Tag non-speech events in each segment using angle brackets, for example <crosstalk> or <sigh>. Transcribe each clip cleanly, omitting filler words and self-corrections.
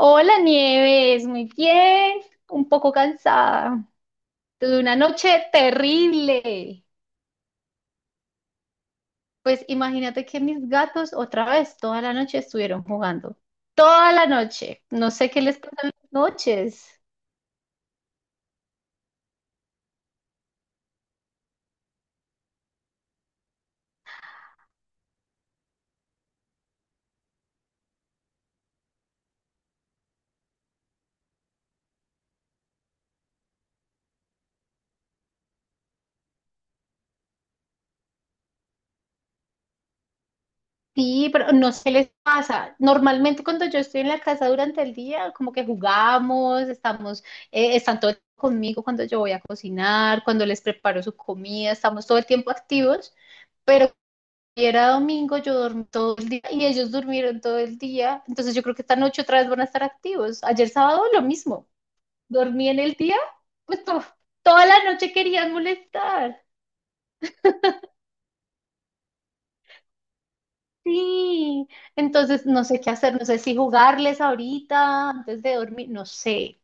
Hola Nieves, muy bien, un poco cansada. Tuve una noche terrible. Pues imagínate que mis gatos otra vez toda la noche estuvieron jugando. Toda la noche. No sé qué les pasa en las noches. Sí, pero no sé qué les pasa. Normalmente cuando yo estoy en la casa durante el día, como que jugamos, estamos, están todo el tiempo conmigo cuando yo voy a cocinar, cuando les preparo su comida, estamos todo el tiempo activos. Pero Y era domingo, yo dormí todo el día y ellos durmieron todo el día. Entonces yo creo que esta noche otra vez van a estar activos. Ayer sábado lo mismo. Dormí en el día, pues toda la noche querían molestar. Sí. Entonces no sé qué hacer, no sé si jugarles ahorita antes de dormir, no sé.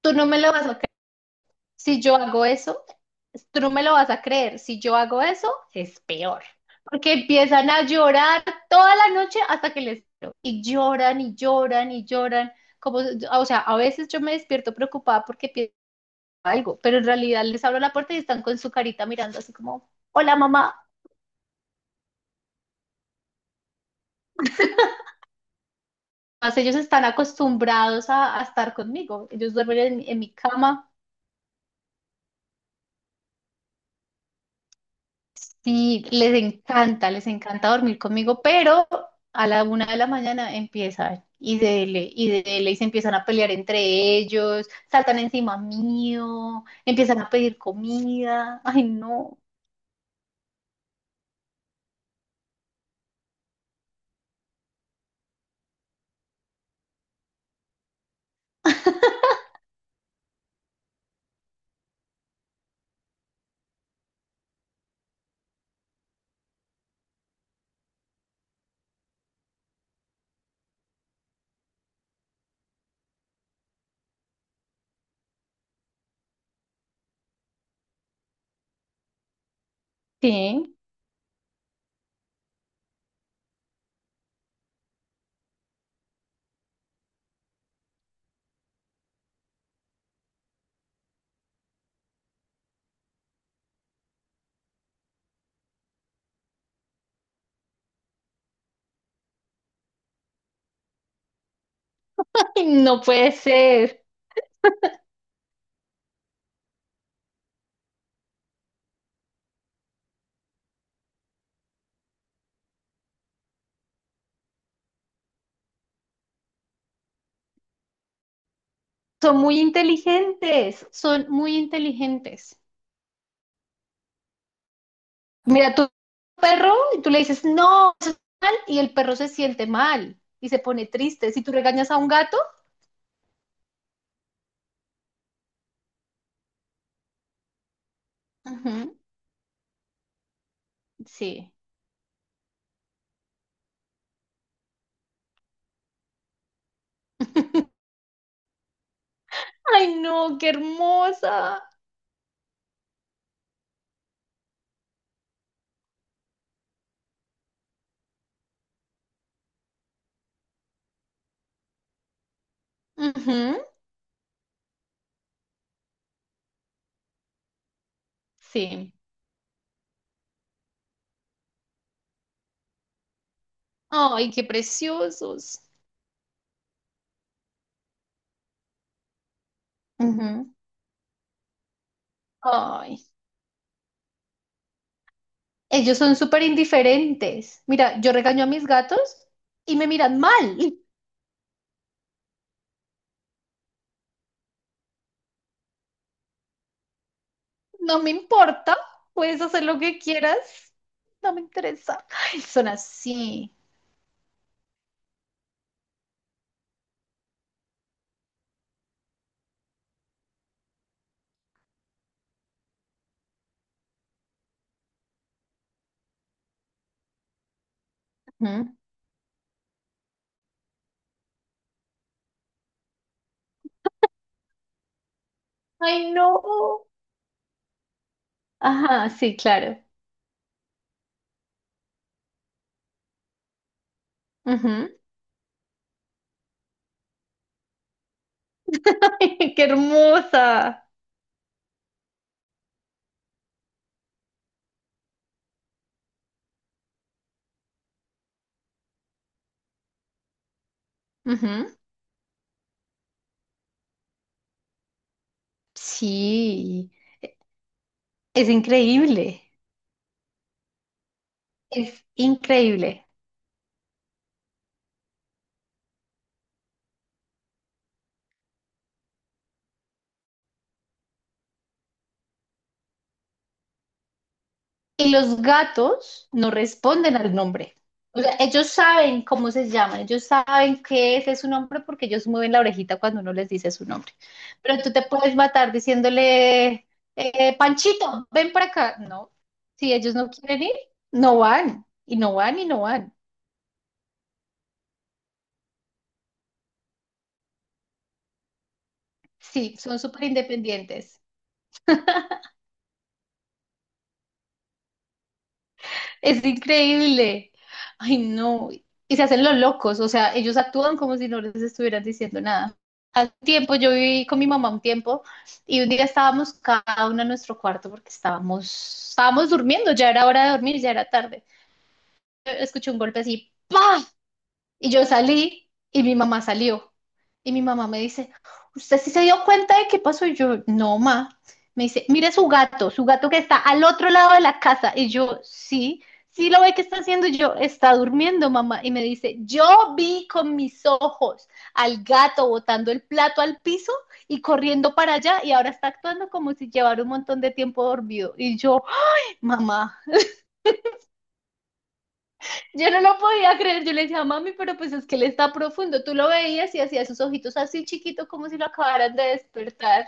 Tú no me lo vas a Si yo hago eso, tú no me lo vas a creer. Si yo hago eso, es peor. Porque empiezan a llorar toda la noche hasta que les. Y lloran y lloran y lloran. Como, o sea, a veces yo me despierto preocupada porque pienso algo, pero en realidad les abro la puerta y están con su carita mirando así como, hola mamá. Más ellos están acostumbrados a estar conmigo. Ellos duermen en mi cama. Sí, les encanta dormir conmigo, pero a la una de la mañana empiezan y dele, y dele, y se empiezan a pelear entre ellos, saltan encima mío, empiezan a pedir comida. Ay, no, sí, ay, no puede ser. Son muy inteligentes, son muy inteligentes. Mira, tu perro, y tú le dices, no, eso es mal, y el perro se siente mal y se pone triste. Si tú regañas a un gato, ujú, sí. <laughs> Ay, no, qué hermosa. Ujú, sí. Ay, qué preciosos. Ujú. Ay, ellos son súper indiferentes. Mira, yo regaño a mis gatos y me miran mal. <laughs> No me importa, puedes hacer lo que quieras. No me interesa. Ay, son así. Ujú. Ay, no. Ajá, sí, claro. Ujú. <laughs> Qué hermosa. Ujú. Sí, es increíble. Es increíble. Y los gatos no responden al nombre. O sea, ellos saben cómo se llaman, ellos saben qué es su nombre porque ellos mueven la orejita cuando uno les dice su nombre. Pero tú te puedes matar diciéndole, Panchito, ven para acá. No, si ellos no quieren ir, no van, y no van, y no van. Sí, son súper independientes. Es increíble. Ay, no. Y se hacen los locos, o sea, ellos actúan como si no les estuvieran diciendo nada. Hace tiempo yo viví con mi mamá un tiempo y un día estábamos cada uno en nuestro cuarto porque estábamos durmiendo, ya era hora de dormir, ya era tarde. Yo escuché un golpe así, ¡pa! Y yo salí y mi mamá salió. Y mi mamá me dice, ¿usted sí se dio cuenta de qué pasó? Y yo, no, ma. Me dice, mire su gato que está al otro lado de la casa. Y yo, sí, sí lo ve que está haciendo. Y yo, está durmiendo, mamá. Y me dice, yo vi con mis ojos al gato botando el plato al piso y corriendo para allá y ahora está actuando como si llevara un montón de tiempo dormido. Y yo, mamá. Yo no lo podía creer, yo le decía, mami, pero pues es que él está profundo. Tú lo veías y hacía sus ojitos así chiquitos como si lo acabaran de despertar.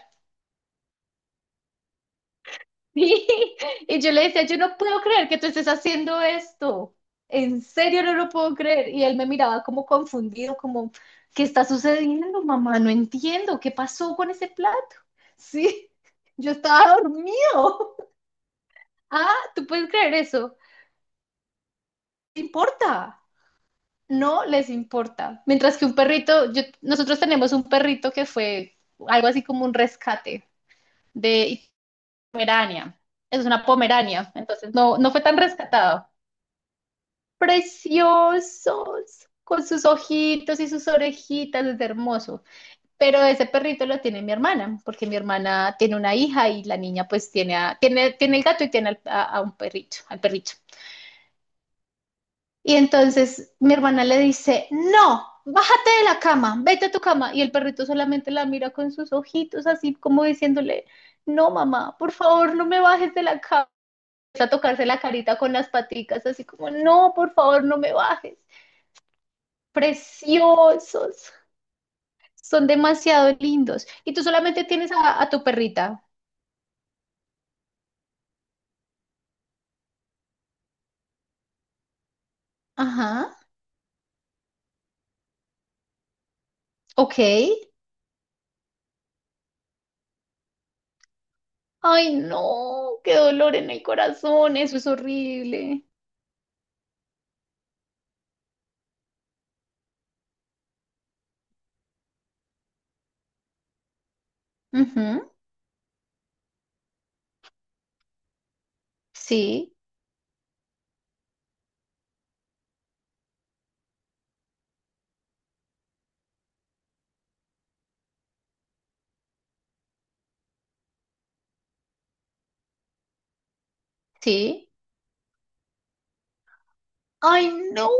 <laughs> Y yo le decía, yo no puedo creer que tú estés haciendo esto. En serio no lo puedo creer. Y él me miraba como confundido, como, ¿qué está sucediendo, mamá? No entiendo, ¿qué pasó con ese plato? Sí, <laughs> yo estaba dormido. <laughs> Ah, ¿tú puedes creer eso? No importa. No les importa. Mientras que un perrito, nosotros tenemos un perrito que fue algo así como un rescate de Pomerania. Es una Pomerania, entonces no, no fue tan rescatado. Preciosos, con sus ojitos y sus orejitas, es hermoso. Pero ese perrito lo tiene mi hermana, porque mi hermana tiene una hija y la niña pues tiene el gato y tiene a un perrito, al perrito. Y entonces mi hermana le dice, no, bájate de la cama, vete a tu cama. Y el perrito solamente la mira con sus ojitos, así como diciéndole, no, mamá, por favor, no me bajes de la cama. A tocarse la carita con las paticas, así como, no, por favor, no me bajes. Preciosos, son demasiado lindos. Y tú solamente tienes a tu perrita. Ajá, ok. Ay, no, qué dolor en el corazón, eso es horrible. Ujú, sí, sí. Ay, no.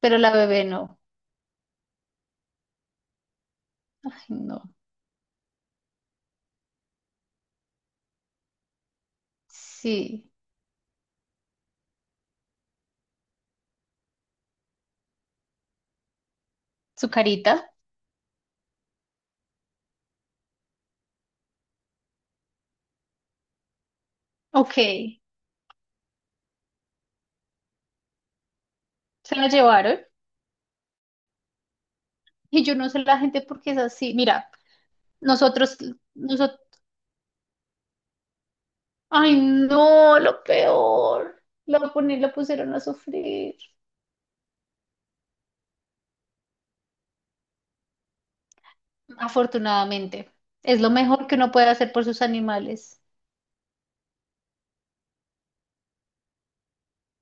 Pero la bebé no. Ay, no. Sí. Su carita. Ok. Se la llevaron. Y yo no sé la gente por qué es así. Mira, nosotros, nosotros. Ay, no, lo peor. Lo pusieron a sufrir. Afortunadamente. Es lo mejor que uno puede hacer por sus animales.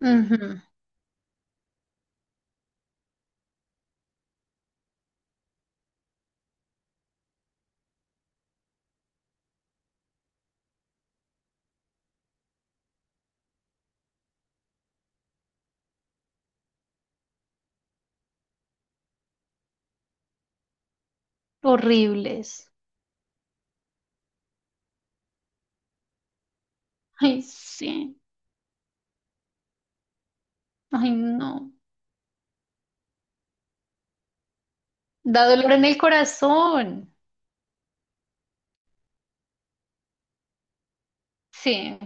Ujú. Horribles. Ay, sí. Ay, no. Da dolor en el corazón. Sí.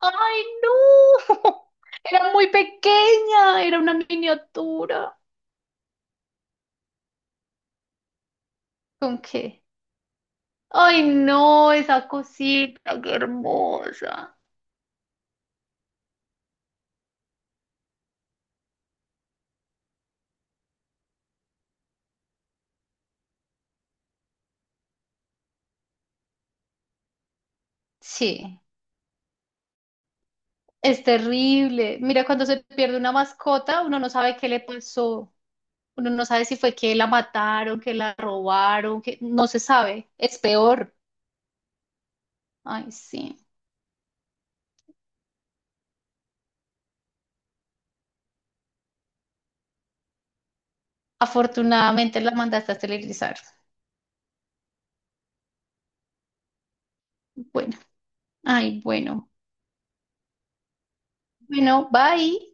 ¡Ay, no! <laughs> Era muy pequeña, era una miniatura. ¿Con qué? ¡Ay, no! Esa cosita, qué hermosa. Sí, es terrible. Mira, cuando se pierde una mascota, uno no sabe qué le pasó. Uno no sabe si fue que la mataron, que la robaron, que no se sabe. Es peor. Ay, sí. Afortunadamente la mandaste a esterilizar. Bueno, ay, bueno. Bueno, bye.